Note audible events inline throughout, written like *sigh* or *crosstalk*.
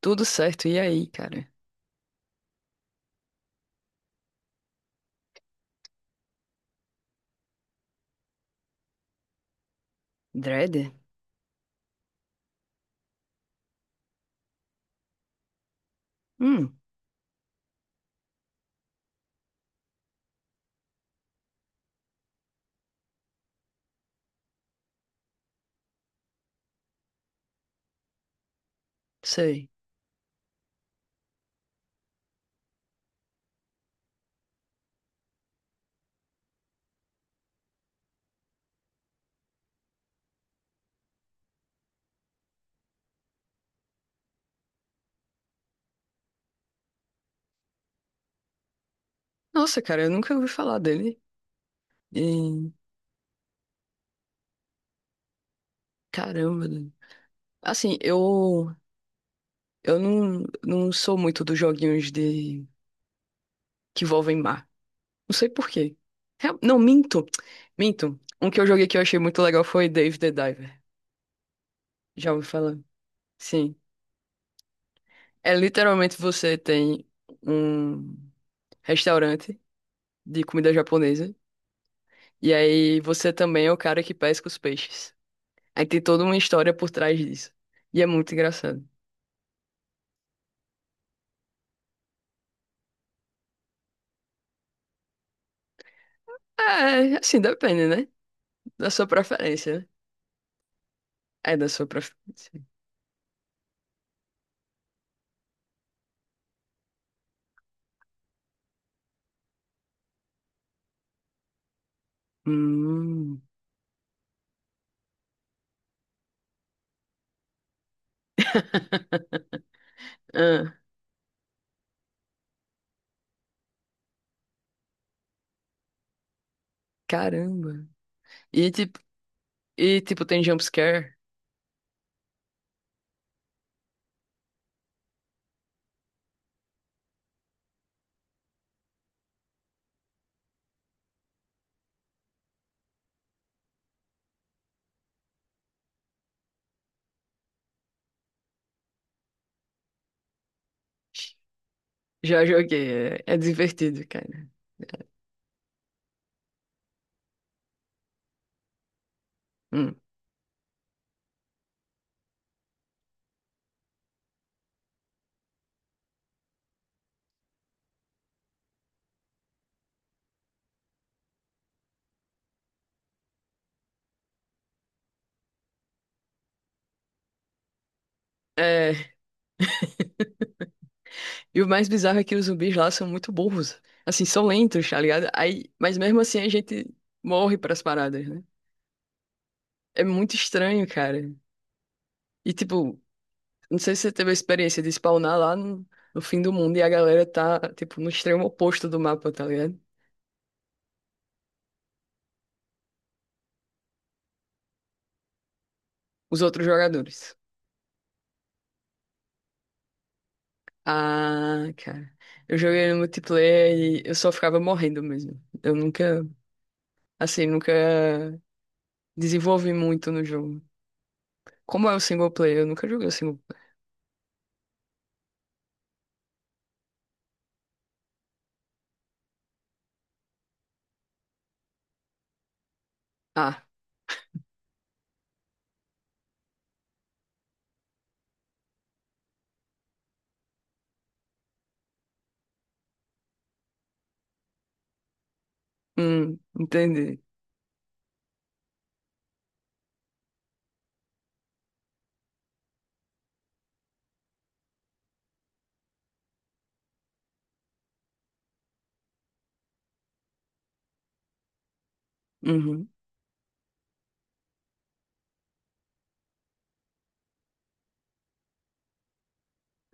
Tudo certo. E aí, cara? Dredd? Hum, sei. Nossa, cara, eu nunca ouvi falar dele. E, caramba. Né? Assim, eu eu não sou muito dos joguinhos de que envolvem mar. Não sei por quê. Não, minto. Minto. Um que eu joguei que eu achei muito legal foi Dave the Diver. Já ouvi falar? Sim. É literalmente você tem um restaurante de comida japonesa. E aí você também é o cara que pesca os peixes. Aí tem toda uma história por trás disso. E é muito engraçado. É, assim, depende, né? Da sua preferência, né? É da sua preferência. Hum. *laughs* Ah, caramba. E tipo, e tipo, tem jumpscare? Já joguei. É, é divertido, cara. Hum. É, e o mais bizarro é que os zumbis lá são muito burros. Assim, são lentos, tá ligado? Aí, mas mesmo assim a gente morre pras paradas, né? É muito estranho, cara. E tipo, não sei se você teve a experiência de spawnar lá no fim do mundo e a galera tá, tipo, no extremo oposto do mapa, tá ligado? Os outros jogadores. Ah, cara. Eu joguei no multiplayer e eu só ficava morrendo mesmo. Eu nunca, assim, nunca desenvolvi muito no jogo. Como é o single player? Eu nunca joguei o single player. Ah, entendi. Uhum.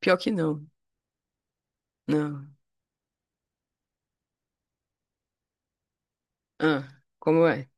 Pior que não. Não. Ah, como é?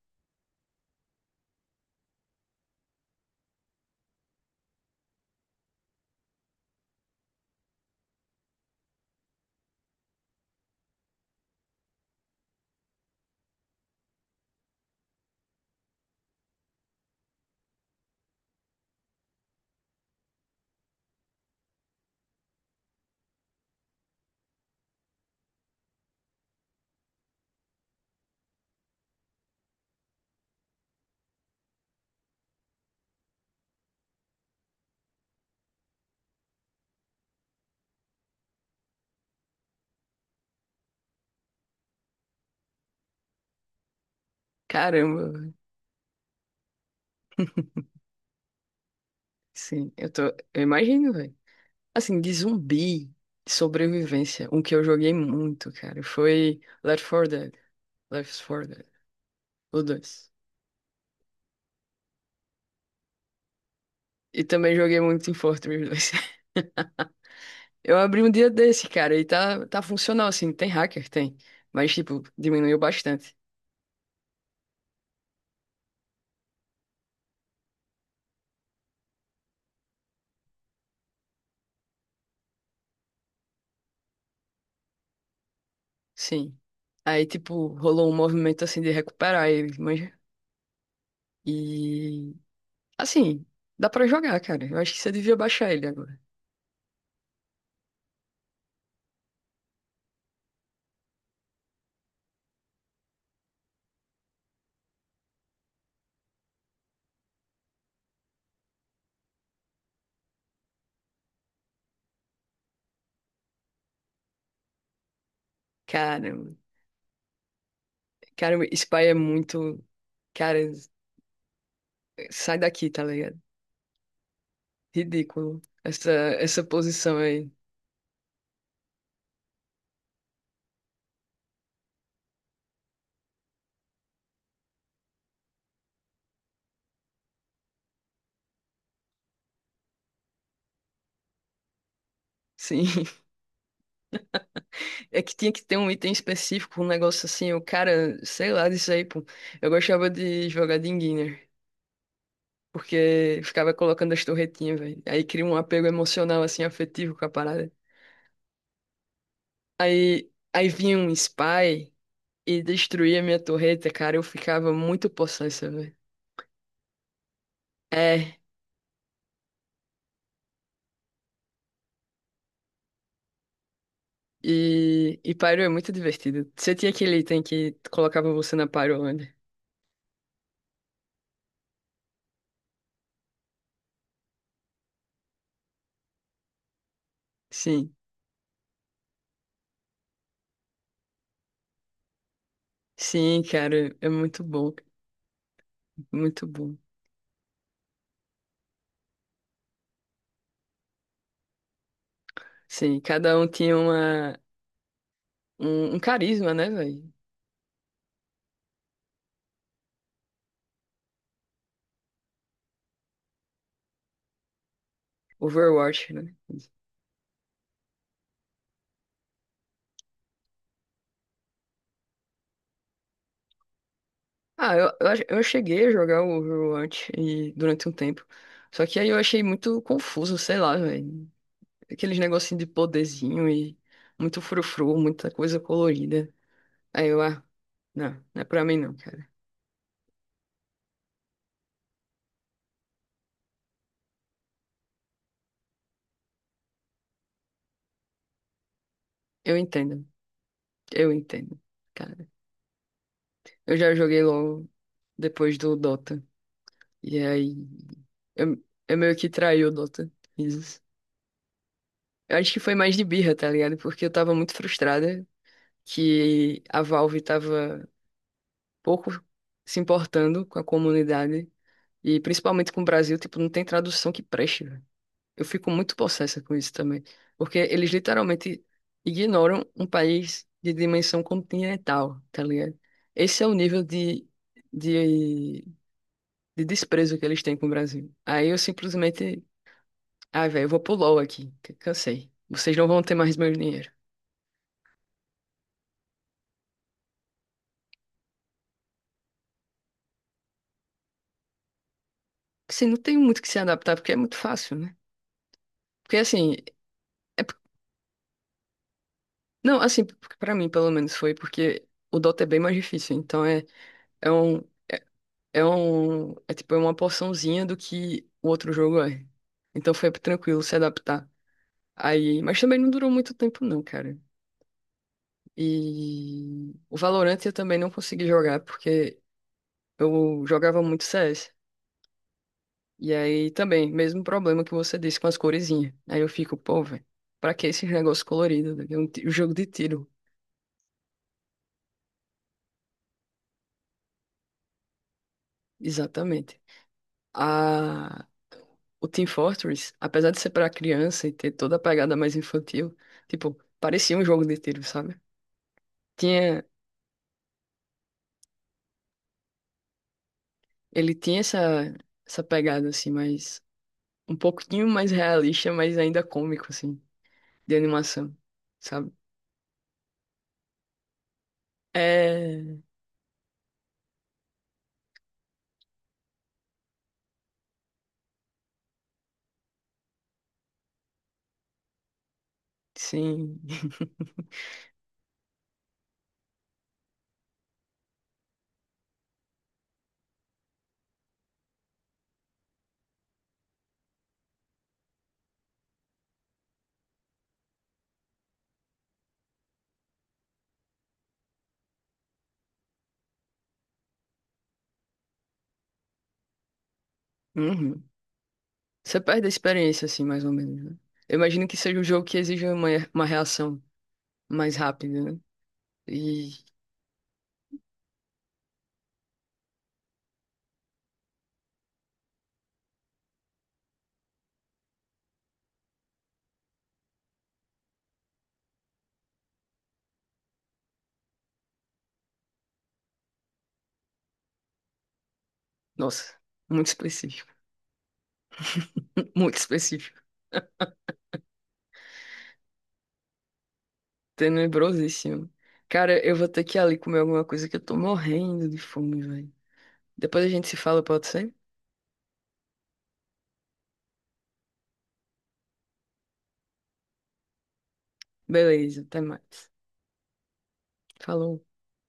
Caramba. Sim, eu tô. Eu imagino, velho. Assim, de zumbi, de sobrevivência, um que eu joguei muito, cara, foi Left 4 Dead. Left 4 Dead, o dois. E também joguei muito em Fortress dois. *laughs* Eu abri um dia desse, cara, e tá funcional, assim. Tem hacker, tem. Mas, tipo, diminuiu bastante. Sim. Aí, tipo, rolou um movimento, assim, de recuperar ele, mas... E... Assim, dá pra jogar, cara. Eu acho que você devia baixar ele agora. Cara, cara, Spy é muito... Cara, sai daqui, tá ligado? Ridículo. Essa posição aí. Sim. *laughs* É que tinha que ter um item específico, um negócio assim. O cara, sei lá disso aí, pô. Eu gostava de jogar de Enginner. Porque ficava colocando as torretinhas, velho. Aí cria um apego emocional, assim, afetivo com a parada. Aí vinha um spy e destruía minha torreta, cara. Eu ficava muito possessa, velho. É. E Pyro é muito divertido. Você tinha aquele item que colocava você na Pyrolândia? Sim. Sim, cara, é muito bom. Muito bom. Sim, cada um tinha uma, um carisma, né, velho? Overwatch, né? Ah, eu cheguei a jogar o Overwatch e, durante um tempo. Só que aí eu achei muito confuso, sei lá, velho. Aqueles negocinho de poderzinho e muito frufru, muita coisa colorida. Aí eu, ah, não é pra mim não, cara. Eu entendo, eu entendo, cara. Eu já joguei logo depois do Dota. E aí eu, eu meio que traí o Dota. Eu acho que foi mais de birra, tá ligado? Porque eu tava muito frustrada que a Valve tava pouco se importando com a comunidade e principalmente com o Brasil, tipo, não tem tradução que preste, velho. Eu fico muito possessa com isso também, porque eles literalmente ignoram um país de dimensão continental, tá ligado? Esse é o nível de, de desprezo que eles têm com o Brasil. Aí eu simplesmente, ah, velho, eu vou pro LoL aqui, cansei. Vocês não vão ter mais meu dinheiro. Assim, não tem muito que se adaptar, porque é muito fácil, né? Porque assim, é... não, assim, pra mim pelo menos foi, porque o Dota é bem mais difícil, então é, é um, é tipo é uma porçãozinha do que o outro jogo é. Então foi tranquilo se adaptar. Aí, mas também não durou muito tempo não, cara. E o Valorant eu também não consegui jogar, porque eu jogava muito CS. E aí também, mesmo problema que você disse com as coresinhas. Aí eu fico, pô, velho. Pra que esse negócio colorido? Né? É um um jogo de tiro. Exatamente. A, o Team Fortress, apesar de ser para criança e ter toda a pegada mais infantil, tipo, parecia um jogo de tiro, sabe? Tinha, ele tinha essa, essa pegada, assim, mais, um pouquinho mais realista, mas ainda cômico, assim, de animação, sabe? É, sim. *laughs* Uhum. Você perde a experiência, assim, mais ou menos, né? Eu imagino que seja um jogo que exija uma reação mais rápida, né? E, nossa, muito específico. *laughs* Muito específico. Tenebrosíssimo. Cara, eu vou ter que ir ali comer alguma coisa que eu tô morrendo de fome, velho. Depois a gente se fala, pode ser? Beleza, até mais. Falou.